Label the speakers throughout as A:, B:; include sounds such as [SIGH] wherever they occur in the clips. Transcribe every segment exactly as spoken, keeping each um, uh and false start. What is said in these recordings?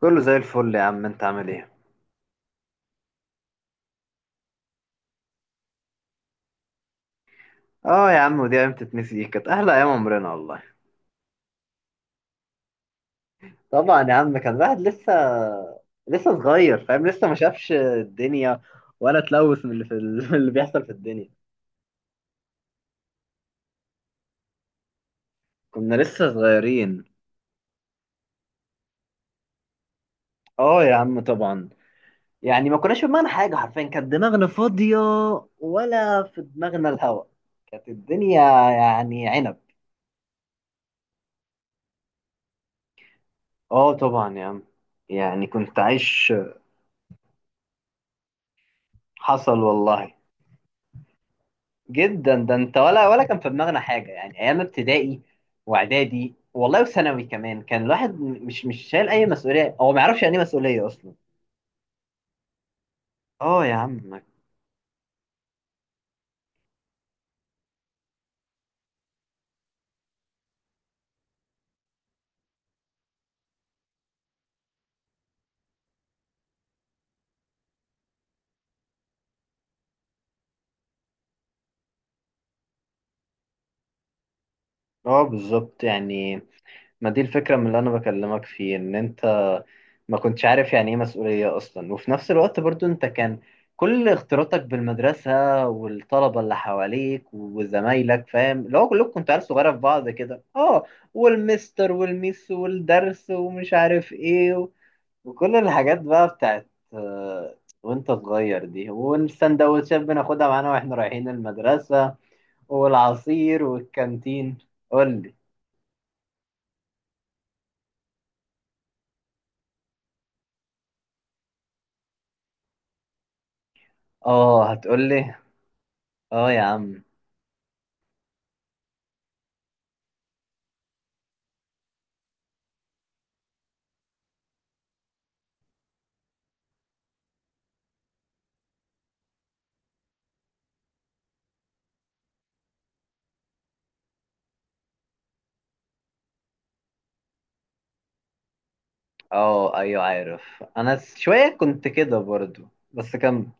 A: كله زي الفل يا عم، انت عامل ايه؟ اه يا عم، ودي ايام تتنسي؟ دي كانت احلى ايام عمرنا والله. طبعا يا عم، كان الواحد لسه لسه صغير، فاهم؟ لسه ما شافش الدنيا ولا اتلوث من اللي في ال... [LAUGHS] من اللي بيحصل في الدنيا. كنا لسه صغيرين. اه يا عم طبعا. يعني ما كناش في دماغنا حاجه، حرفيا كانت دماغنا فاضيه، ولا في دماغنا الهوا، كانت الدنيا يعني عنب. اه طبعا يا عم، يعني كنت عايش. حصل والله. جدا، ده انت ولا ولا كان في دماغنا حاجه. يعني ايام ابتدائي واعدادي والله وثانوي كمان، كان الواحد م- مش مش شايل اي مسؤوليه، هو ما يعرفش يعني ايه مسؤوليه اصلا. اه يا عم. اه بالظبط يعني. ما دي الفكره من اللي انا بكلمك فيه، ان انت ما كنتش عارف يعني ايه مسؤوليه اصلا، وفي نفس الوقت برضو انت كان كل اختلاطك بالمدرسه والطلبه اللي حواليك وزمايلك، فاهم؟ اللي هو كلكم كنتوا عيال صغيره في بعض كده، اه. والمستر والميس والدرس ومش عارف ايه، وكل الحاجات بقى بتاعت آه، وانت صغير دي، والسندوتشات بناخدها معانا واحنا رايحين المدرسة والعصير والكانتين. قول لي. اه هتقول لي. اه يا عم. اه ايوه عارف، انا س- شوية كنت كده برضو. بس كم.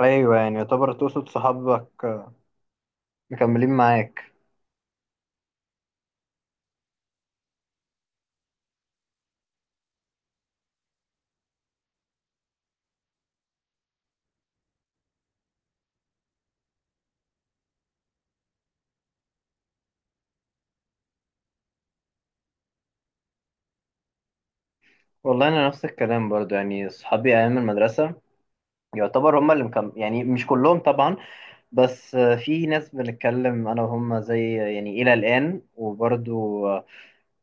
A: ايوه يعني، يعتبر تقصد صحابك آه، مكملين معاك. والله انا نفس الكلام برضو، يعني صحابي ايام المدرسة يعتبر هم اللي مكمل، يعني مش كلهم طبعا، بس آه، في ناس بنتكلم انا وهم زي يعني الى الان. وبرضو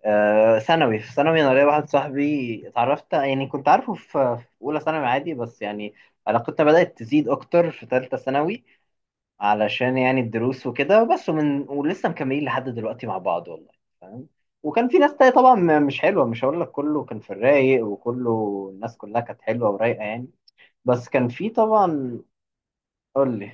A: آه، ثانوي، في ثانوي انا ليا واحد صاحبي اتعرفت، يعني كنت عارفه في في اولى ثانوي عادي، بس يعني علاقتنا بدات تزيد اكتر في ثالثه ثانوي علشان يعني الدروس وكده، بس ومن ولسه مكملين لحد دلوقتي مع بعض والله. فاهم. وكان في ناس تانية طبعا م- مش حلوه، مش هقول لك كله كان في الرايق وكله الناس كلها كانت حلوه ورايقه يعني، بس كان في طبعا. قول لي.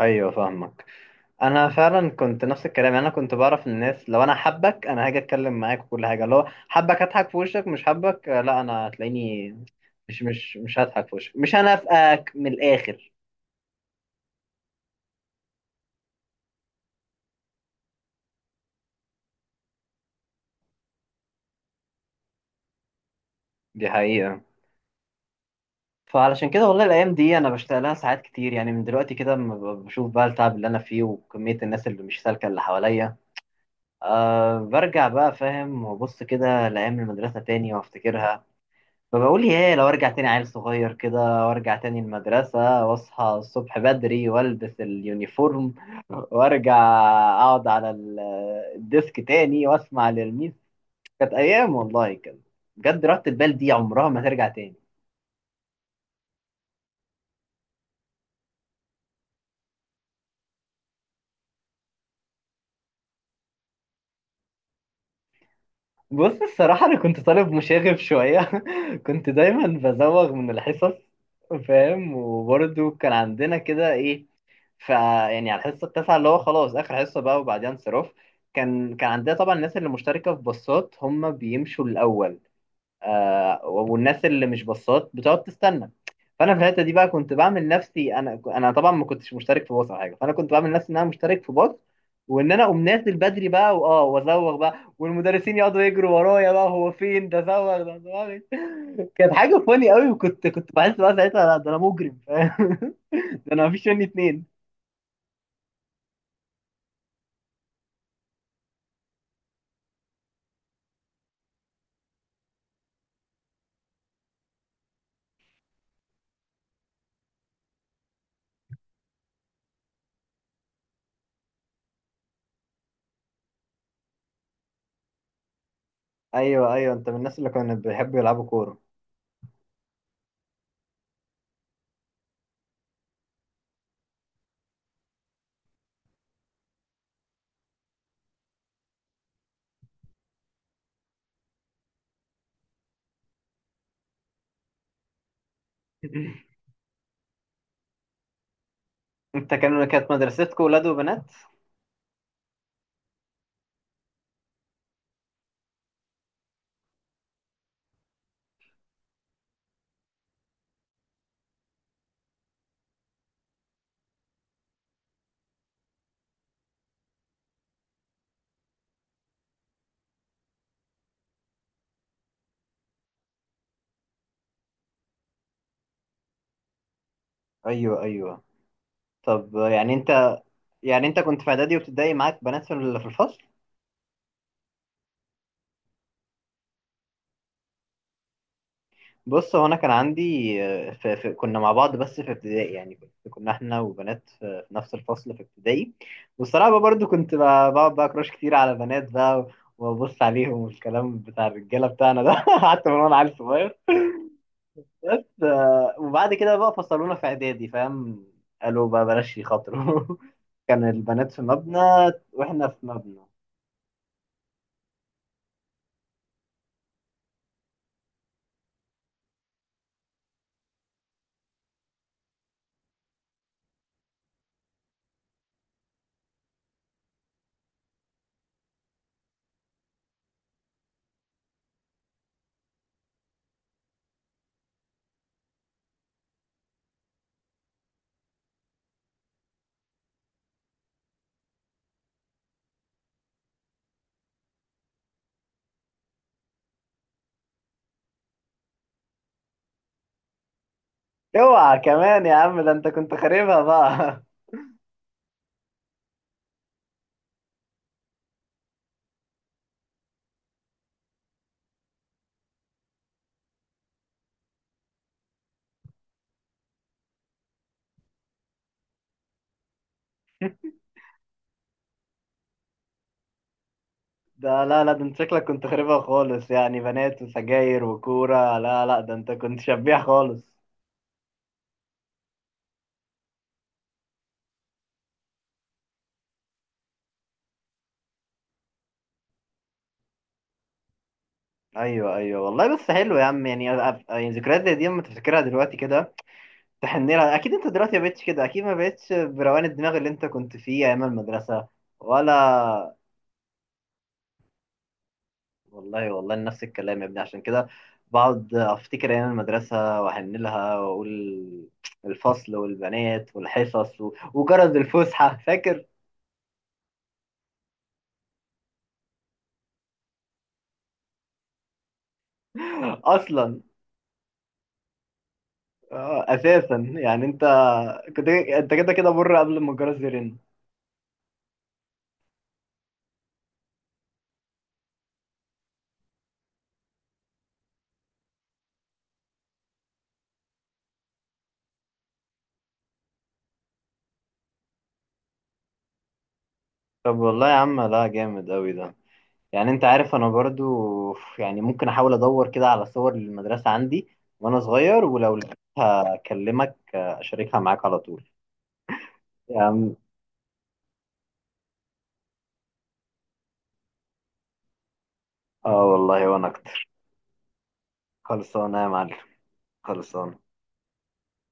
A: ايوه فاهمك. انا فعلا كنت نفس الكلام، يعني انا كنت بعرف الناس، لو انا حبك انا هاجي اتكلم معاك وكل حاجه، لو حبك هضحك في وشك، مش حبك آه، لا انا هتلاقيني مش مش مش هضحك في وشك، مش هنافقك من الاخر. دي حقيقه. فعلشان كده والله، الايام دي انا بشتغل لها ساعات كتير يعني، من دلوقتي كده لما ب- بشوف بقى التعب اللي انا فيه وكميه الناس اللي مش سالكه اللي حواليا، أه برجع بقى، فاهم، وابص كده لايام المدرسه تاني وافتكرها. فبقول ايه، لو ارجع تاني عيل صغير كده وارجع تاني المدرسة، واصحى الصبح بدري والبس اليونيفورم، وارجع اقعد على ال- الديسك تاني واسمع للميس. كانت ايام والله كده، بجد راحة البال دي عمرها ما ترجع تاني. بص الصراحة أنا كنت طالب مشاغب شوية. [LAUGHS] كنت دايما بزوغ من الحصص، فاهم؟ وبرضه كان عندنا كده إيه، فيعني على الحصه التاسعه اللي هو خلاص اخر حصه بقى وبعدين انصراف، كان كان عندنا طبعا الناس اللي مشتركه في باصات هم بيمشوا الاول، آه، والناس اللي مش باصات بتقعد تستنى. فانا في الحته دي بقى كنت بعمل نفسي، انا انا طبعا ما كنتش مشترك في باص او حاجه، فانا كنت بعمل نفسي ان انا مشترك في باص، وان انا اقوم نازل بدري بقى واه وازوغ بقى، والمدرسين يقعدوا يجروا ورايا بقى، هو فين ده، زوغ ده زوغ. كانت حاجه فاني قوي، وكنت كنت بحس بقى ساعتها، لا ده انا مجرم فاهم. [LAUGHS] ده انا مفيش مني اتنين. ايوه ايوه، انت من الناس اللي كانوا بيحبوا يلعبوا كوره. [LAUGHS] انت كان، كانت مدرستكم ولاد وبنات؟ ايوه ايوه. طب يعني انت، يعني انت كنت في اعدادي وابتدائي معاك بنات في ال- في الفصل؟ بص، هو انا كان عندي آه، في في كنا مع بعض بس في ابتدائي، يعني كنت- كنا احنا وبنات في في نفس الفصل في ابتدائي. والصراحه بقى برضو كنت ب- بقعد بقى كراش كتير على بنات بقى، وابص عليهم، والكلام بتاع الرجاله بتاعنا ده. [LAUGHS] حتى من وانا عيل صغير. بس آه، وبعد كده بقى فصلونا في اعدادي، فاهم؟ قالوا بقى بلاش يخاطروا. [LAUGHS] كان البنات في مبنى واحنا في مبنى. اوعى كمان يا عم، ده انت كنت خاربها بقى. [LAUGHS] ده لا لا، ده انت شكلك كنت خاربها خالص، يعني بنات وسجاير وكورة، لا لا ده انت كنت شبيح خالص. ايوه ايوه والله، بس حلو يا عم، يعني أف- يعني ذكريات زي دي اما تفتكرها دلوقتي كده تحن لها اكيد. انت دلوقتي ما بقتش كده اكيد، ما بقتش بروقان الدماغ اللي انت كنت فيه ايام المدرسة. ولا والله، والله نفس الكلام يا ابني، عشان كده بقعد افتكر ايام المدرسه واحن لها، واقول الفصل والبنات والحصص و- وجرس الفسحه. [LAUGHS] فاكر؟ اصلا آه، اساسا يعني انت، كنت انت كده كده بره قبل ما الجرس يرن. طب والله يا عم، لا جامد قوي ده. يعني انت عارف انا برضو يعني ممكن احاول ادور كده على صور للمدرسه عندي وانا صغير، ولو لقيتها اكلمك آه، اشاركها معاك على طول. يا عم، اه والله وانا اكتر. خلصانة يا معلم، خلصانة.